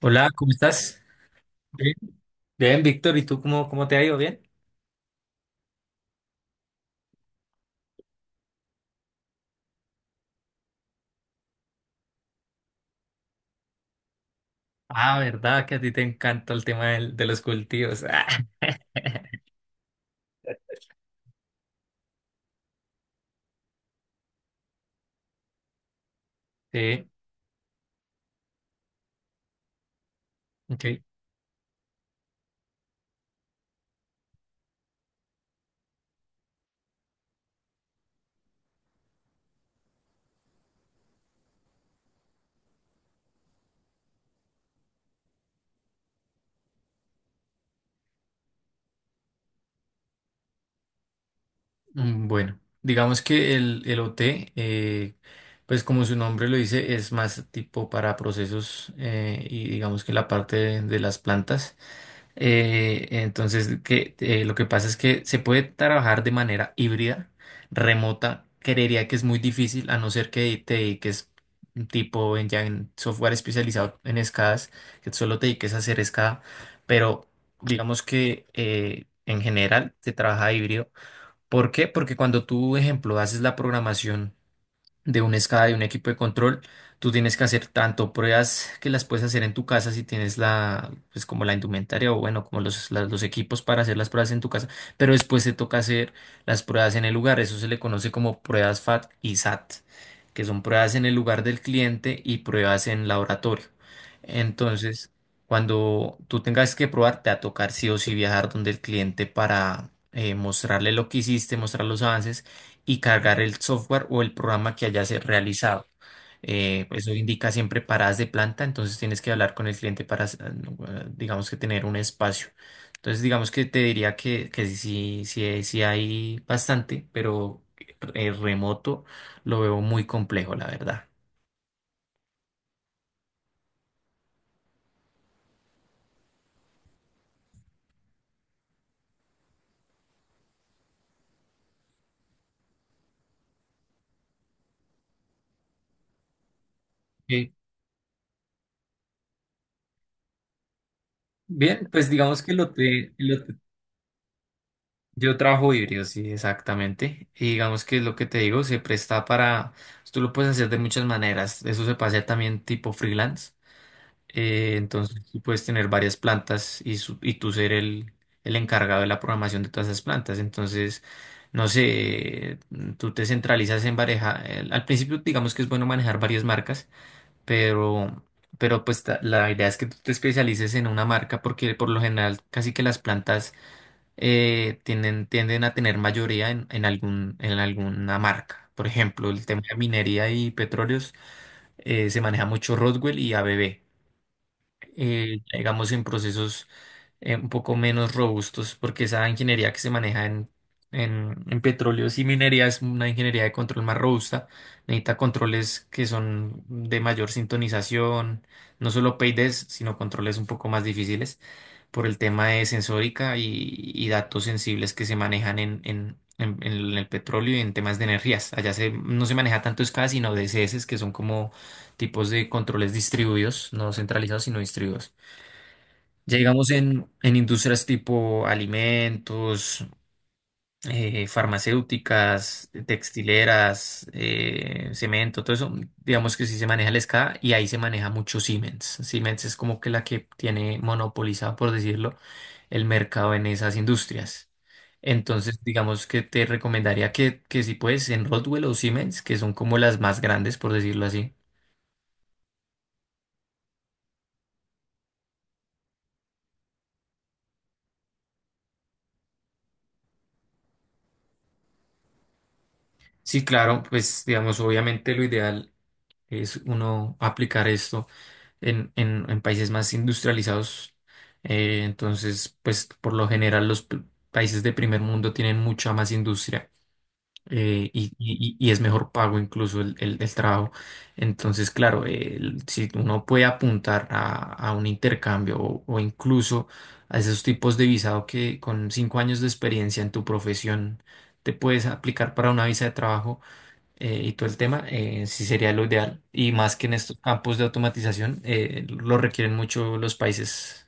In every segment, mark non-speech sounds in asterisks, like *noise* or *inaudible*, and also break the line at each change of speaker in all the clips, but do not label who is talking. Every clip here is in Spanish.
Hola, ¿cómo estás? Bien, bien, Víctor, ¿y tú cómo te ha ido? ¿Bien? Ah, ¿verdad? Que a ti te encanta el tema de los cultivos. Ah, *laughs* Sí, ok. Bueno, digamos que el OT, pues como su nombre lo dice, es más tipo para procesos, y digamos que la parte de las plantas. Entonces, lo que pasa es que se puede trabajar de manera híbrida, remota. Creería que es muy difícil, a no ser que te dediques, tipo en, ya en software especializado en escadas, que solo te dediques a hacer escada. Pero digamos que, en general se trabaja híbrido. ¿Por qué? Porque cuando tú, ejemplo, haces la programación de una escala de un equipo de control, tú tienes que hacer tanto pruebas que las puedes hacer en tu casa si tienes pues, como la indumentaria, o bueno, como los equipos para hacer las pruebas en tu casa, pero después te toca hacer las pruebas en el lugar. Eso se le conoce como pruebas FAT y SAT, que son pruebas en el lugar del cliente y pruebas en laboratorio. Entonces, cuando tú tengas que probar, te va a tocar sí o sí viajar donde el cliente para, mostrarle lo que hiciste, mostrar los avances y cargar el software o el programa que hayas realizado. Eso indica siempre paradas de planta, entonces tienes que hablar con el cliente para, no, digamos, que tener un espacio. Entonces, digamos que te diría que sí, sí, sí, hay bastante, pero, remoto lo veo muy complejo, la verdad. Ok. Bien, pues digamos que... Yo trabajo híbrido, sí, exactamente. Y digamos que es lo que te digo, se presta para, tú lo puedes hacer de muchas maneras. Eso se puede hacer también tipo freelance. Entonces tú puedes tener varias plantas y, y tú ser el encargado de la programación de todas esas plantas. Entonces, no sé, tú te centralizas en manejar, al principio digamos que es bueno manejar varias marcas, pero, pero pues, la idea es que tú te especialices en una marca porque, por lo general, casi que las plantas, tienden a tener mayoría en, en alguna marca. Por ejemplo, el tema de minería y petróleos, se maneja mucho Rodwell y ABB. Ya digamos en procesos, un poco menos robustos, porque esa ingeniería que se maneja en, en petróleos y minería es una ingeniería de control más robusta. Necesita controles que son de mayor sintonización, no solo PIDs, sino controles un poco más difíciles por el tema de sensórica y datos sensibles que se manejan en, en el petróleo y en temas de energías. Allá no se maneja tanto SCADA, sino DCS, que son como tipos de controles distribuidos, no centralizados, sino distribuidos. Ya digamos en industrias tipo alimentos, farmacéuticas, textileras, cemento, todo eso, digamos que sí se maneja el SCADA, y ahí se maneja mucho Siemens. Siemens es como que la que tiene monopolizado, por decirlo, el mercado en esas industrias. Entonces, digamos que te recomendaría que, si puedes, en Rockwell o Siemens, que son como las más grandes, por decirlo así. Sí, claro, pues digamos, obviamente lo ideal es uno aplicar esto en, en países más industrializados. Entonces, pues, por lo general, países de primer mundo tienen mucha más industria, y es mejor pago incluso el trabajo. Entonces, claro, si uno puede apuntar a un intercambio, o incluso a esos tipos de visado, que con 5 años de experiencia en tu profesión te puedes aplicar para una visa de trabajo, y todo el tema, sí sería lo ideal. Y más que en estos campos de automatización, lo requieren mucho los países.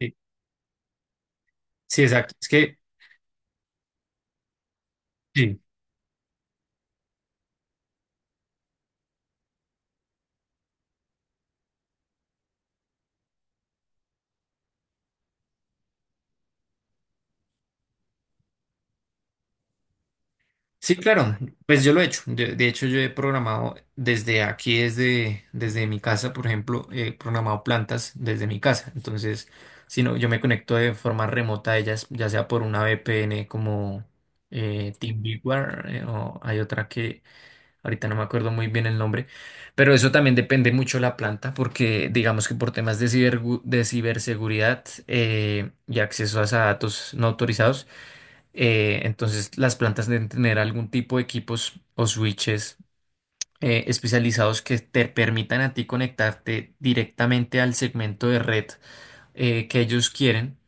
Sí, sí, exacto. Es que, sí, sí, claro, pues yo lo he hecho. De hecho, yo he programado desde aquí, desde mi casa, por ejemplo, he programado plantas desde mi casa. Entonces, si no, yo me conecto de forma remota a ellas, ya sea por una VPN como... TeamViewer, o hay otra que ahorita no me acuerdo muy bien el nombre, pero eso también depende mucho de la planta, porque digamos que por temas de ciberseguridad, y acceso a esa datos no autorizados, entonces las plantas deben tener algún tipo de equipos o switches, especializados, que te permitan a ti conectarte directamente al segmento de red que ellos quieren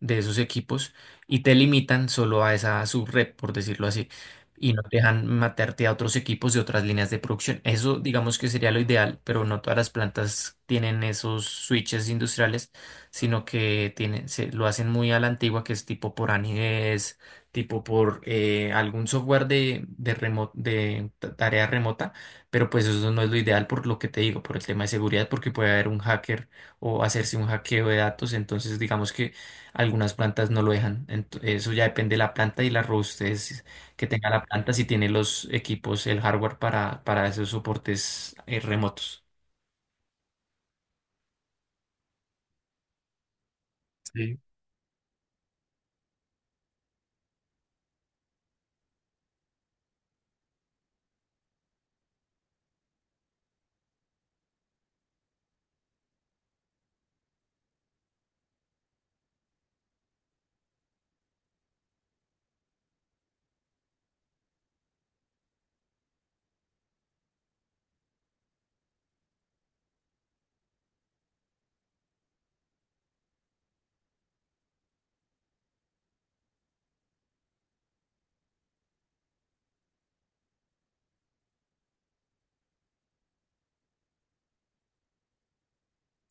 de esos equipos, y te limitan solo a esa subred, por decirlo así, y no te dejan matarte a otros equipos de otras líneas de producción. Eso digamos que sería lo ideal, pero no todas las plantas tienen esos switches industriales, sino que tienen, lo hacen muy a la antigua, que es tipo por anidez, tipo por, algún software de, de tarea remota, pero pues eso no es lo ideal, por lo que te digo, por el tema de seguridad, porque puede haber un hacker o hacerse un hackeo de datos. Entonces, digamos que algunas plantas no lo dejan. Eso ya depende de la planta y la robustez que tenga la planta, si tiene los equipos, el hardware para esos soportes, remotos. Sí.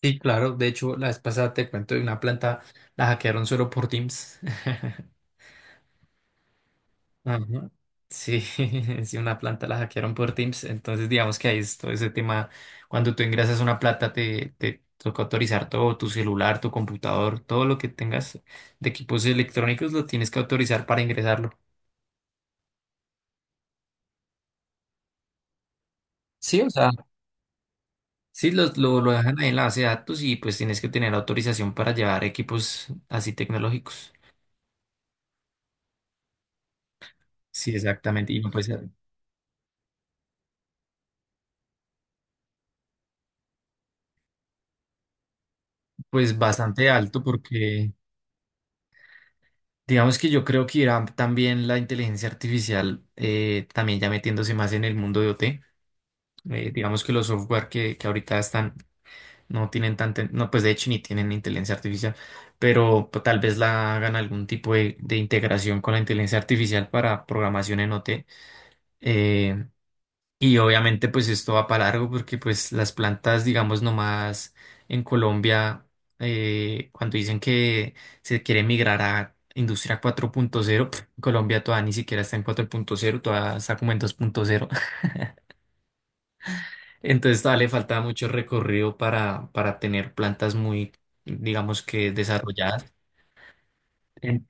Sí, claro. De hecho, la vez pasada te cuento de una planta, la hackearon solo por Teams. *laughs* Ajá. Sí, *laughs* si una planta la hackearon por Teams, entonces digamos que ahí es todo ese tema. Cuando tú ingresas una planta, te toca autorizar todo, tu celular, tu computador, todo lo que tengas de equipos electrónicos lo tienes que autorizar para ingresarlo. Sí, o sea, sí, lo dejan ahí en la base de datos, y pues tienes que tener autorización para llevar equipos así tecnológicos. Sí, exactamente. Y no, pues, pues bastante alto, porque digamos que yo creo que irá también la inteligencia artificial, también ya metiéndose más en el mundo de OT. Digamos que los software que ahorita están, no tienen tanta, no, pues de hecho ni tienen inteligencia artificial, pero pues tal vez la hagan algún tipo de integración con la inteligencia artificial para programación en OT. Y obviamente pues esto va para largo, porque pues las plantas, digamos, nomás en Colombia, cuando dicen que se quiere migrar a industria 4.0, Colombia todavía ni siquiera está en 4.0, todavía está como en 2.0. *laughs* Entonces todavía le falta mucho recorrido para tener plantas muy, digamos, que desarrolladas. En-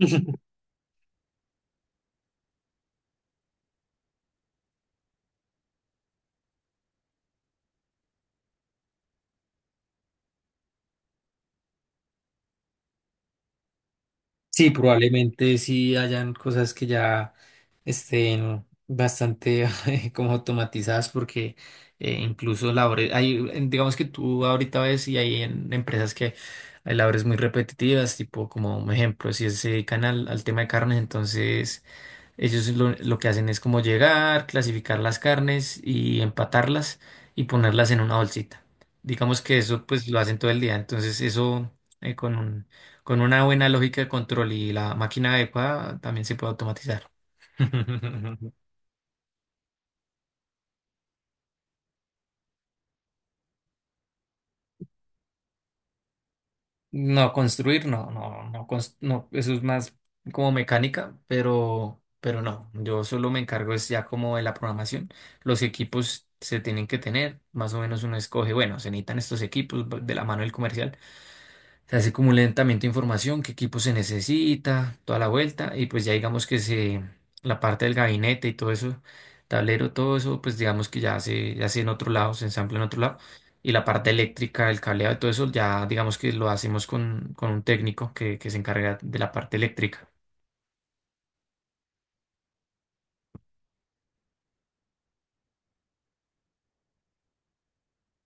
*laughs* Sí, probablemente sí hayan cosas que ya estén bastante *laughs* como automatizadas, porque, incluso la labores, digamos que tú ahorita ves y hay en empresas que hay labores muy repetitivas, tipo como un ejemplo, si se dedican al tema de carnes, entonces ellos lo que hacen es como llegar, clasificar las carnes y empatarlas y ponerlas en una bolsita. Digamos que eso pues lo hacen todo el día. Entonces eso, eh, con un- con una buena lógica de control y la máquina adecuada, también se puede automatizar. *laughs* No, construir, no, no, no, no, eso es más como mecánica, pero no, yo solo me encargo es ya como de la programación. Los equipos se tienen que tener, más o menos uno escoge, bueno, se necesitan estos equipos de la mano del comercial. Se hace como un levantamiento de información, qué equipo se necesita, toda la vuelta, y pues ya digamos que la parte del gabinete y todo eso, tablero, todo eso, pues digamos que ya se en otro lado, se ensambla en otro lado, y la parte eléctrica, el cableado y todo eso, ya digamos que lo hacemos con un técnico que se encarga de la parte eléctrica.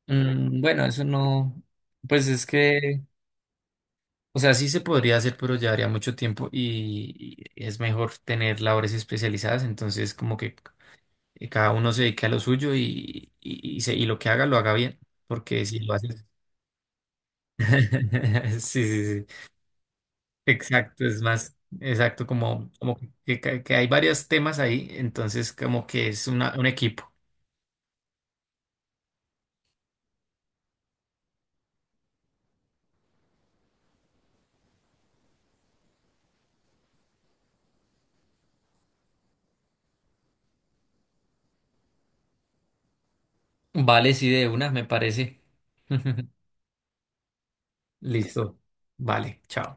Bueno, eso no, pues es que, o sea, sí se podría hacer, pero llevaría mucho tiempo, y es mejor tener labores especializadas, entonces, como que, y cada uno se dedique a lo suyo, y y lo que haga lo haga bien, porque si lo haces... *laughs* Sí, sí, sí, exacto, es más, exacto, como que hay varios temas ahí, entonces como que es una, un equipo. Vale, sí, de una, me parece. *laughs* Listo, vale, chao.